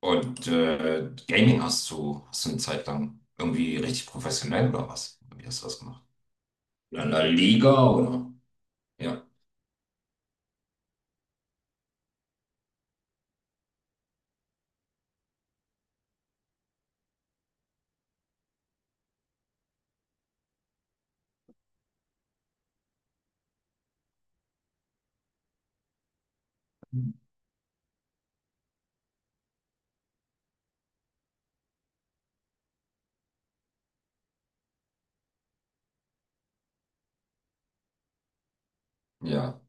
Und Gaming hast du eine Zeit lang irgendwie richtig professionell oder was? Wie hast du das gemacht? In einer Liga oder? Ja, ja.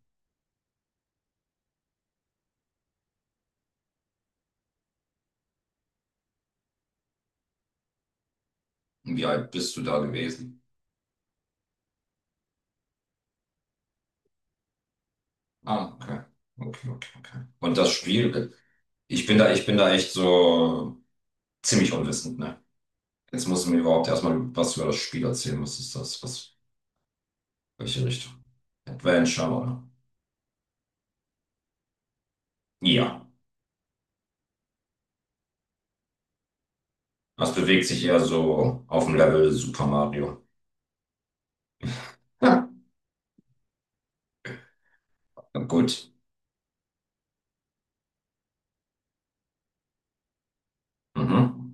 Und wie alt bist du da gewesen? Ah, okay. Okay, okay, okay. Und das Spiel, ich bin da echt so ziemlich unwissend, ne? Jetzt musst du mir überhaupt erstmal was über das Spiel erzählen. Was ist das? Was, welche Richtung? Adventure, oder? Ja. Das bewegt sich eher so auf dem Level Super Mario. Ja. Gut. Mhm.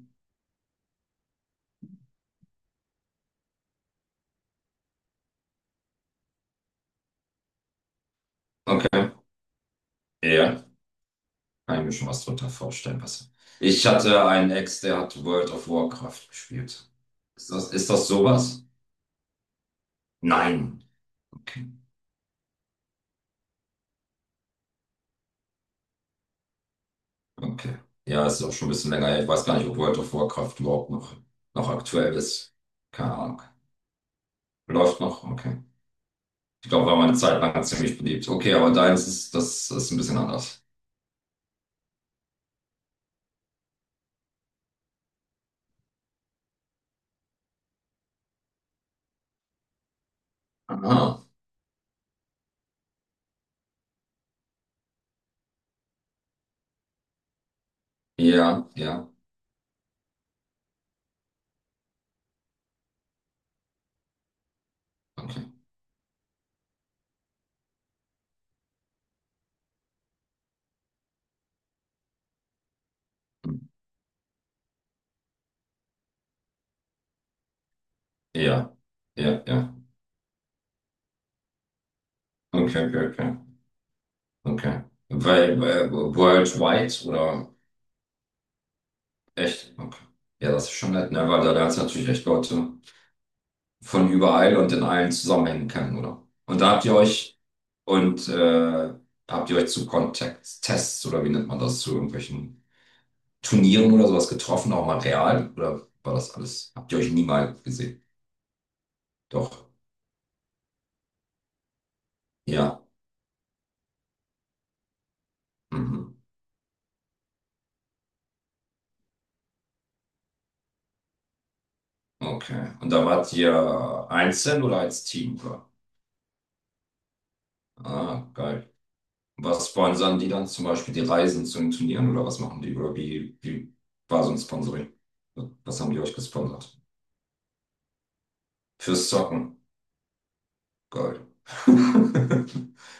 Okay. Ja, kann ich mir schon was drunter vorstellen. Was... Ich hatte einen Ex, der hat World of Warcraft gespielt. Ist das sowas? Nein. Okay. Okay. Ja, ist auch schon ein bisschen länger her. Ich weiß gar nicht, ob World of Warcraft überhaupt noch, noch aktuell ist. Keine Ahnung. Läuft noch? Okay. Ich glaube, war mal eine Zeit lang ziemlich beliebt. Okay, aber deins ist, das ist ein bisschen anders. Aha. Ja, ja. Okay. Ja, ja, ja. Okay, okay, okay. Okay. Weil Worldwide oder echt? Okay. Ja, das ist schon nett, ne? Weil da lernst du natürlich echt Leute von überall und in allen Zusammenhängen kennen, oder? Und da habt ihr euch und habt ihr euch zu Kontakttests oder wie nennt man das, zu irgendwelchen Turnieren oder sowas getroffen, auch mal real? Oder war das alles? Habt ihr euch nie mal gesehen? Doch. Ja. Mhm. Okay. Und da wart ihr einzeln oder als Team? Oder? Ah, geil. Was sponsern die dann zum Beispiel die Reisen zu den Turnieren oder was machen die? Oder wie war so ein Sponsoring? Was haben die euch gesponsert? Fürs Zocken. Geil.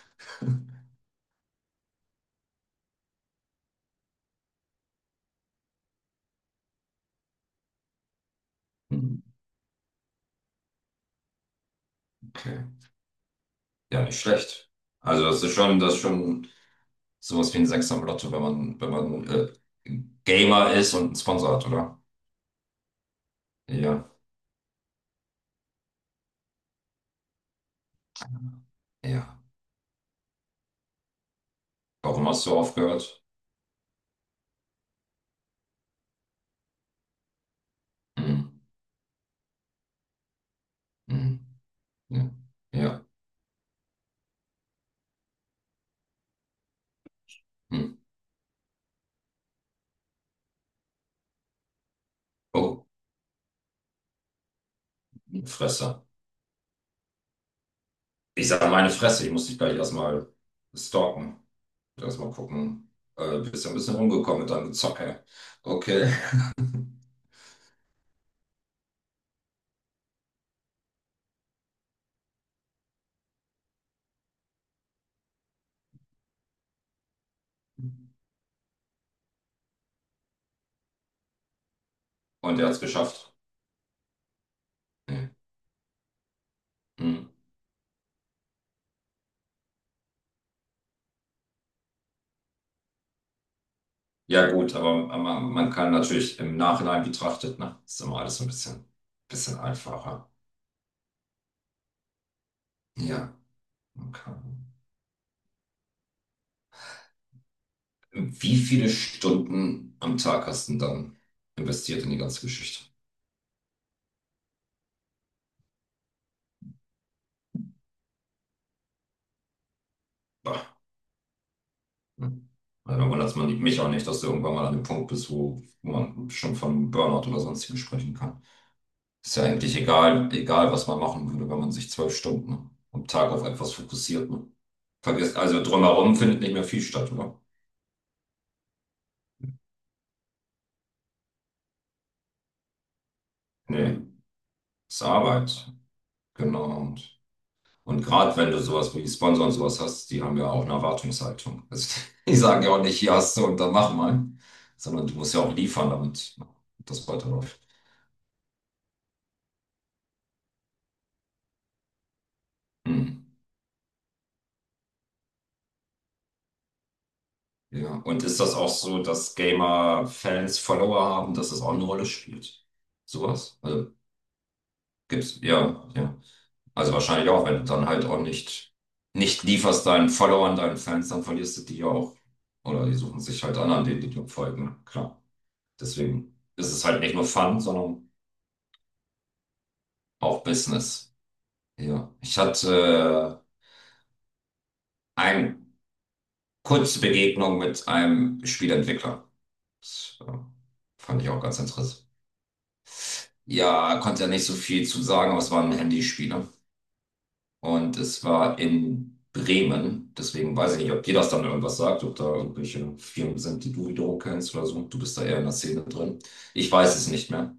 Okay. Ja, nicht schlecht. Also das ist schon sowas wie ein Sechser im Lotto, wenn man, wenn man Gamer ist und einen Sponsor hat, oder? Ja, ja. Warum hast du aufgehört? Hm, hm, ja, ja. Hm. Oh, Fresse. Ich sage meine Fresse, ich muss dich gleich erstmal stalken. Lass mal gucken. Bist ja ein bisschen rumgekommen mit deinem Gezocke. Okay. Und er hat es geschafft. Hm. Hm. Ja, gut, aber man kann natürlich im Nachhinein betrachtet, ne? Ist immer alles so ein bisschen, bisschen einfacher. Ja, okay. Wie viele Stunden am Tag hast du denn dann investiert in die ganze Geschichte? Bah. Hm. Also, da wundert man mich auch nicht, dass du irgendwann mal an dem Punkt bist, wo man schon von Burnout oder sonstigem sprechen kann. Ist ja eigentlich egal, egal, was man machen würde, wenn man sich zwölf Stunden am Tag auf etwas fokussiert. Ne? Vergisst, also drumherum findet nicht mehr viel statt, oder? Nee, ist Arbeit. Genau. Und gerade wenn du sowas wie Sponsor und sowas hast, die haben ja auch eine Erwartungshaltung. Also, die sagen ja auch nicht, hier hast du und dann mach mal, sondern du musst ja auch liefern, damit das weiterläuft. Hm. Ja. Und ist das auch so, dass Gamer Fans Follower haben, dass das auch eine Rolle spielt? Sowas? Also gibt's, ja, ja. Also wahrscheinlich auch, wenn du dann halt auch nicht, nicht lieferst deinen Followern, deinen Fans, dann verlierst du die ja auch. Oder die suchen sich halt an, an denen die dir folgen. Klar. Deswegen ist es halt nicht nur Fun, sondern auch Business. Ja. Ich hatte eine kurze Begegnung mit einem Spieleentwickler. Das fand ich auch ganz interessant. Ja, konnte ja nicht so viel zu sagen, aber es war ein Handyspiel. Und es war in Bremen. Deswegen weiß ich nicht, ob dir das dann irgendwas sagt, ob da irgendwelche Firmen sind, die du wiederum kennst oder so. Du bist da eher in der Szene drin. Ich weiß es nicht mehr.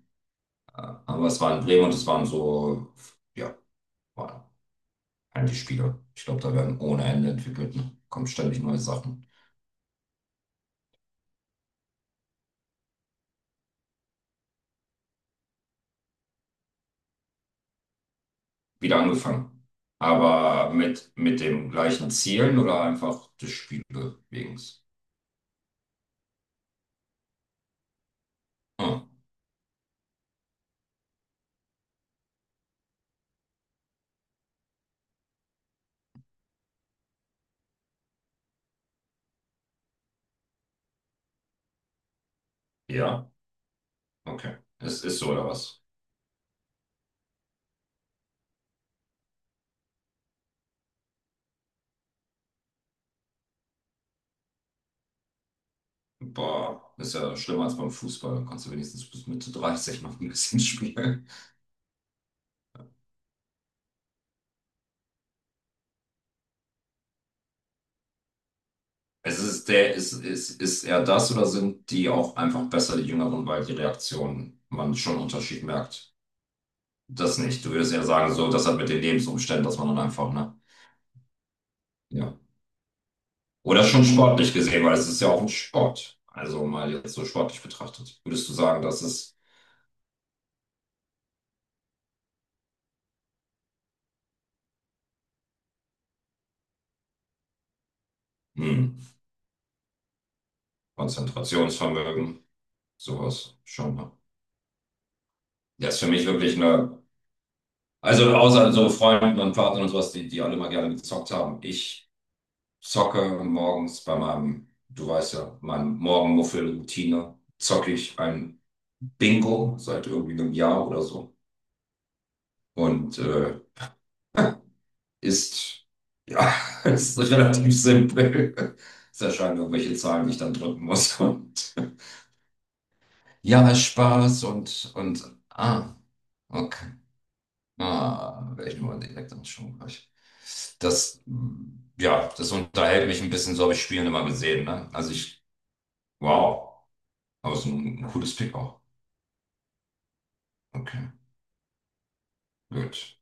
Äh, Aber es war in Bremen und es waren so, ja, waren Handyspiele. Ich glaube, da werden ohne Ende entwickelt. Ne? Kommen ständig neue Sachen. Wieder angefangen. Aber mit dem gleichen Zielen oder einfach des Spiele wegen. Ah, ja, okay. Es ist so oder was? Boah, ist ja schlimmer als beim Fußball. Kannst du wenigstens bis Mitte 30 noch ein bisschen spielen. Es ist der, ist er das oder sind die auch einfach besser, die Jüngeren, weil die Reaktionen man schon einen Unterschied merkt? Das nicht. Du würdest ja sagen, so, das hat mit den Lebensumständen, dass man dann einfach, ne? Ja. Oder schon sportlich gesehen, weil es ist ja auch ein Sport. Also mal jetzt so sportlich betrachtet. Würdest du sagen, das ist, hm, Konzentrationsvermögen, sowas schon, ne? Das ist für mich wirklich eine. Also außer so Freunden und Partnern und sowas, die alle mal gerne gezockt haben. Ich zocke morgens bei meinem, du weißt ja, meinem Morgenmuffel-Routine, zocke ich ein Bingo seit irgendwie einem Jahr oder so. Und ist, ja, ist relativ simpel. Es erscheinen irgendwelche Zahlen, die ich dann drücken muss. Und ja, Spaß und ah, okay. Ah, welchen wollen Sie direkt am Strombereich? Das, mm, ja, das unterhält mich ein bisschen, so habe ich Spielen immer gesehen, ne? Also ich, wow, aber es ist ein cooles Pick auch. Okay, gut.